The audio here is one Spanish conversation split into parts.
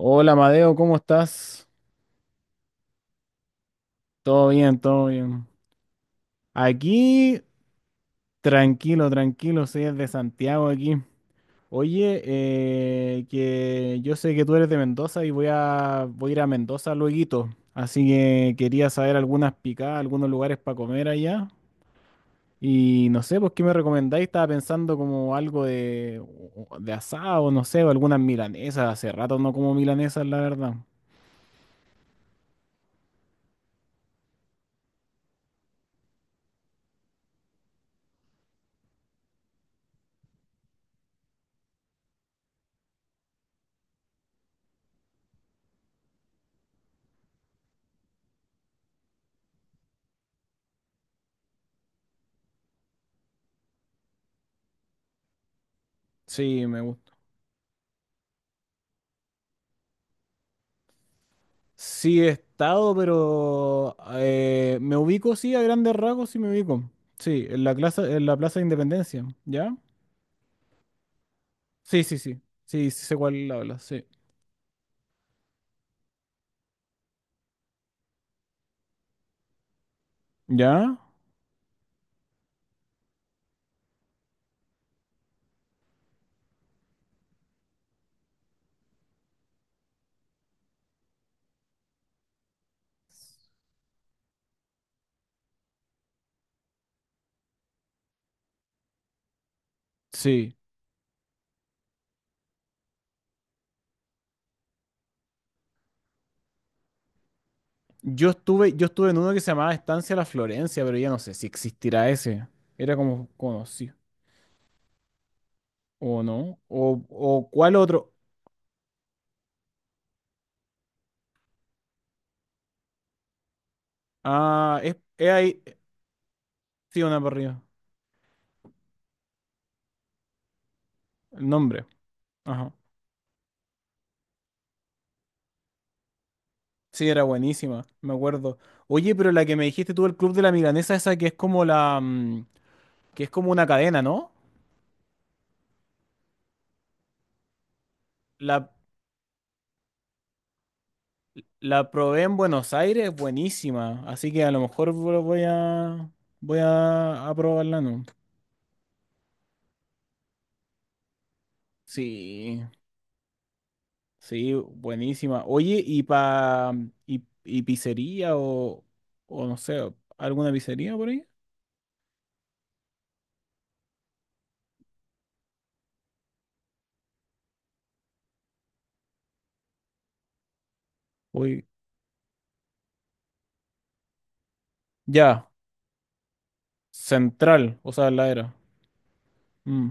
Hola, Madeo, ¿cómo estás? Todo bien, todo bien. Aquí, tranquilo, tranquilo, soy de Santiago aquí. Oye, que yo sé que tú eres de Mendoza y voy a ir a Mendoza lueguito, así que quería saber algunas picadas, algunos lugares para comer allá. Y no sé, pues, ¿qué me recomendáis? Estaba pensando como algo de asado, no sé, o algunas milanesas. Hace rato no como milanesas, la verdad. Sí, me gusta. Sí he estado, pero me ubico, sí, a grandes rasgos, sí me ubico. Sí, en la Plaza de Independencia, ¿ya? Sí, sí, sí. Sí, sí sé cuál habla, sí. ¿Ya? Sí. Yo estuve en uno que se llamaba Estancia La Florencia, pero ya no sé si existirá ese. Era como conocido. ¿O no? ¿O cuál otro? Ah, es ahí. Sí, una para arriba. El nombre. Ajá. Sí, era buenísima, me acuerdo. Oye, pero la que me dijiste tú, el Club de la Milanesa, esa que es como que es como una cadena, ¿no? La, la probé en Buenos Aires, buenísima. Así que a lo mejor vo- voy a probarla, ¿no? Sí, sí, buenísima. Oye, y pizzería o no sé, ¿alguna pizzería por ahí? Oye, ya, Central, o sea, la era. Mm.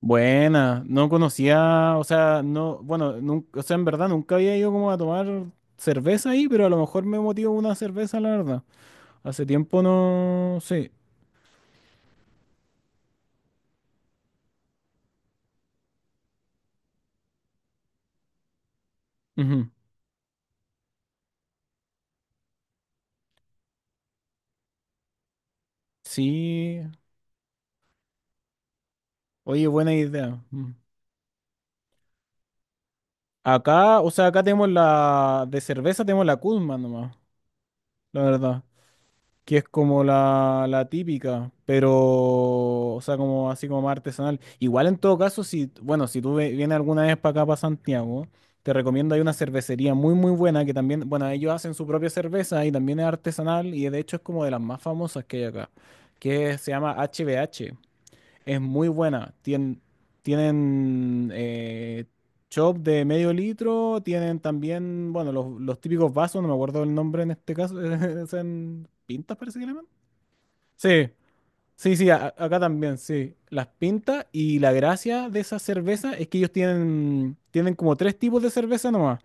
Buena, no conocía, o sea, no, bueno, nunca, o sea, en verdad nunca había ido como a tomar cerveza ahí, pero a lo mejor me motivo una cerveza, la verdad. Hace tiempo no, sí. Ujú. Sí, oye, buena idea. Mm. Acá, o sea, acá tenemos la, de cerveza tenemos la Kuzma nomás, la verdad. Que es como la típica, pero, o sea, como así como más artesanal. Igual en todo caso, si, bueno, si tú ve- vienes alguna vez para acá, para Santiago, te recomiendo, hay una cervecería muy buena que también, bueno, ellos hacen su propia cerveza y también es artesanal y de hecho es como de las más famosas que hay acá, que se llama HBH. Es muy buena. Tien- tienen chop de medio litro, tienen también, bueno, los típicos vasos, no me acuerdo el nombre en este caso, es en pintas parece que le llaman. Sí, sí, sí, a- acá también, sí. Las pintas y la gracia de esa cerveza es que ellos tienen, tienen como tres tipos de cerveza nomás,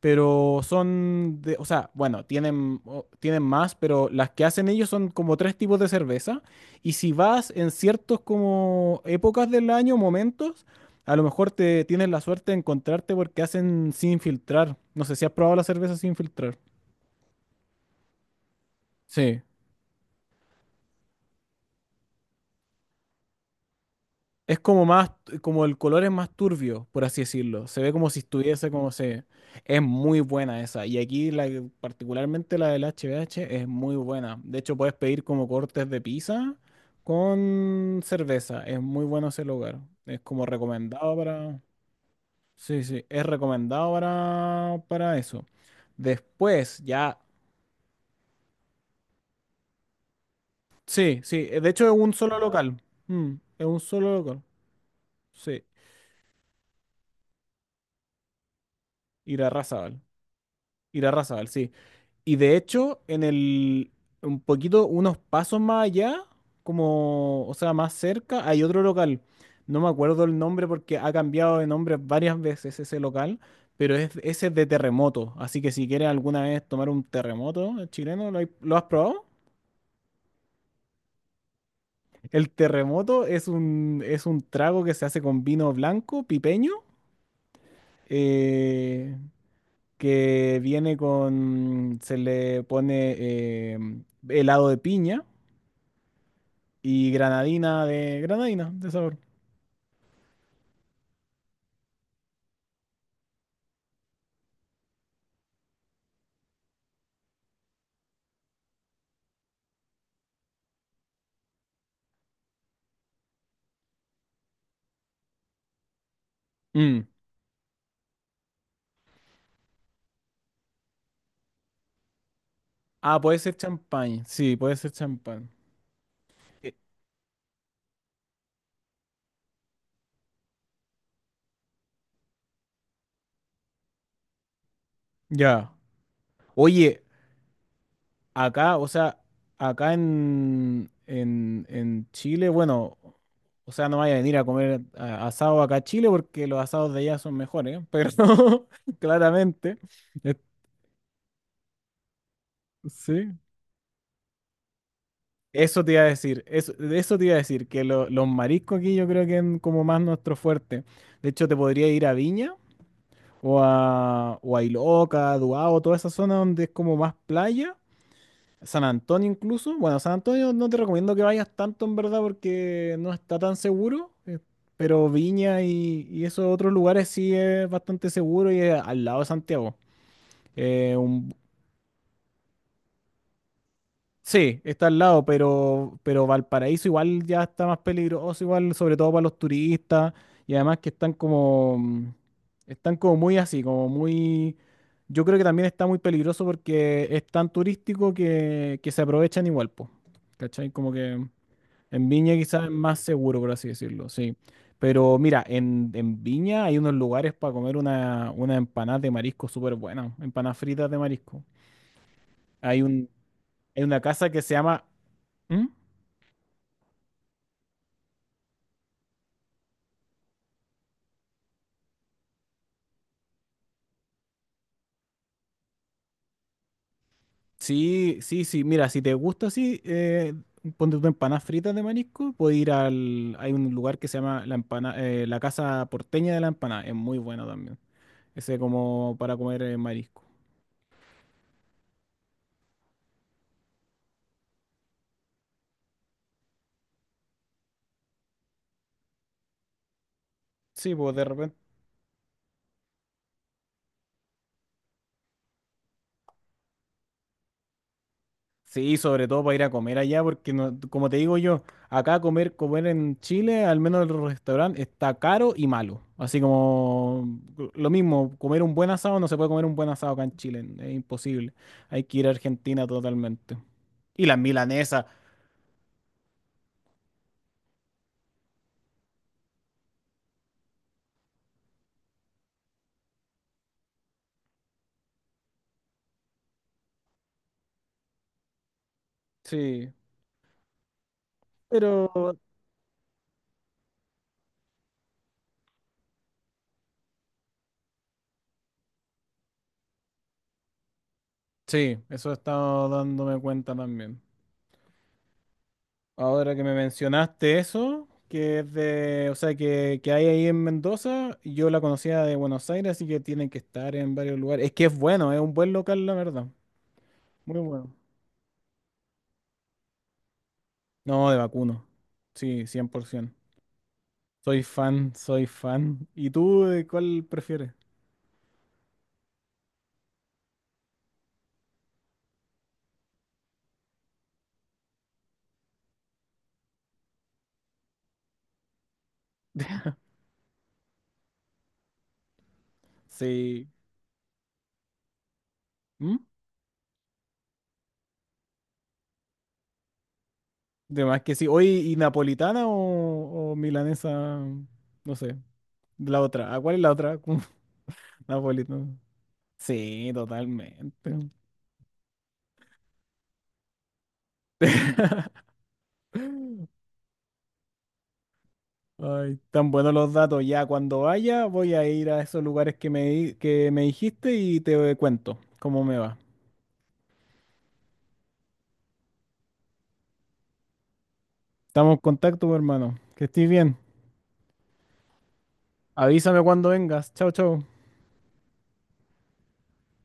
pero son de, o sea, bueno, tienen, o- tienen más, pero las que hacen ellos son como tres tipos de cerveza. Y si vas en ciertos como épocas del año, momentos, a lo mejor te tienes la suerte de encontrarte porque hacen sin filtrar. No sé si has probado la cerveza sin filtrar. Sí. Es como más, como el color es más turbio, por así decirlo. Se ve como si estuviese como se... Es muy buena esa. Y aquí la, que- particularmente la del HBH es muy buena. De hecho, puedes pedir como cortes de pizza con cerveza. Es muy bueno ese lugar. Es como recomendado para... Sí, sí, es recomendado para eso. Después, ya... Sí, sí. De hecho, es un solo local. Mm, es un solo local. Sí. Ir a Irarrázaval, sí. Y de hecho, en el, un poquito, unos pasos más allá, como, o sea, más cerca, hay otro local. No me acuerdo el nombre porque ha cambiado de nombre varias veces ese local, pero es, ese es de terremoto. Así que si quieres alguna vez tomar un terremoto chileno, ¿lo, hay- lo has probado? El terremoto es un trago que se hace con vino blanco, pipeño, eh, que viene con, se le pone eh, helado de piña y granadina de... Granadina, de sabor. Mm. Ah, puede ser champán. Sí, puede ser champán. Eh, Ya. Oye, acá, o sea, acá en Chile, bueno, o sea, no vaya a venir a comer a- asado acá a Chile porque los asados de allá son mejores, ¿eh? Pero claramente. Eh, sí. Eso te iba a decir, eso, de eso te iba a decir, que lo- los mariscos aquí yo creo que es como más nuestro fuerte. De hecho, te podría ir a Viña o a Iloca, Duao, toda esa zona donde es como más playa, San Antonio incluso. Bueno, San Antonio no te recomiendo que vayas tanto en verdad porque no está tan seguro, pero Viña y esos otros lugares sí es bastante seguro y es al lado de Santiago. Un sí, está al lado, pero Valparaíso igual ya está más peligroso, igual, sobre todo para los turistas, y además que están como, mm, están como muy así, como muy, yo creo que también está muy peligroso porque es tan turístico que se aprovechan igual, pues, ¿cachai? Como que en Viña quizás es más seguro, por así decirlo, sí. Pero mira, en Viña hay unos lugares para comer una empanada de marisco súper buena, empanadas fritas de marisco. Hay un, hay una casa que se llama... ¿Mm? Sí, sí, sí. Mira, si te gusta así, ponte tus empanadas fritas de marisco. Puedes ir al. Hay un lugar que se llama la, empana, la Casa Porteña de la Empanada. Es muy bueno también. Ese como para comer marisco. Sí, pues de repente. Sí, sobre todo para ir a comer allá, porque no- como te digo yo, acá comer en Chile, al menos el restaurante, está caro y malo. Así como lo mismo, comer un buen asado, no se puede comer un buen asado acá en Chile, es imposible. Hay que ir a Argentina totalmente. Y las milanesas sí, pero sí, eso he estado dándome cuenta también. Ahora que me mencionaste eso, que es de, o sea, que hay ahí en Mendoza, yo la conocía de Buenos Aires, así que tienen que estar en varios lugares. Es que es bueno, es un buen local, la verdad. Muy bueno. No, de vacuno. Sí, 100%. Soy fan, soy fan. ¿Y tú de cuál prefieres? Sí. ¿Mm? De más que sí. Oye, ¿y napolitana o milanesa? No sé. La otra. ¿A cuál es la otra? Napolitano. Sí, totalmente. Ay, tan buenos los datos. Ya cuando vaya, voy a ir a esos lugares que me, di- que me dijiste y te cuento cómo me va. Estamos en contacto, hermano. Que estés bien. Avísame cuando vengas. Chao, chao.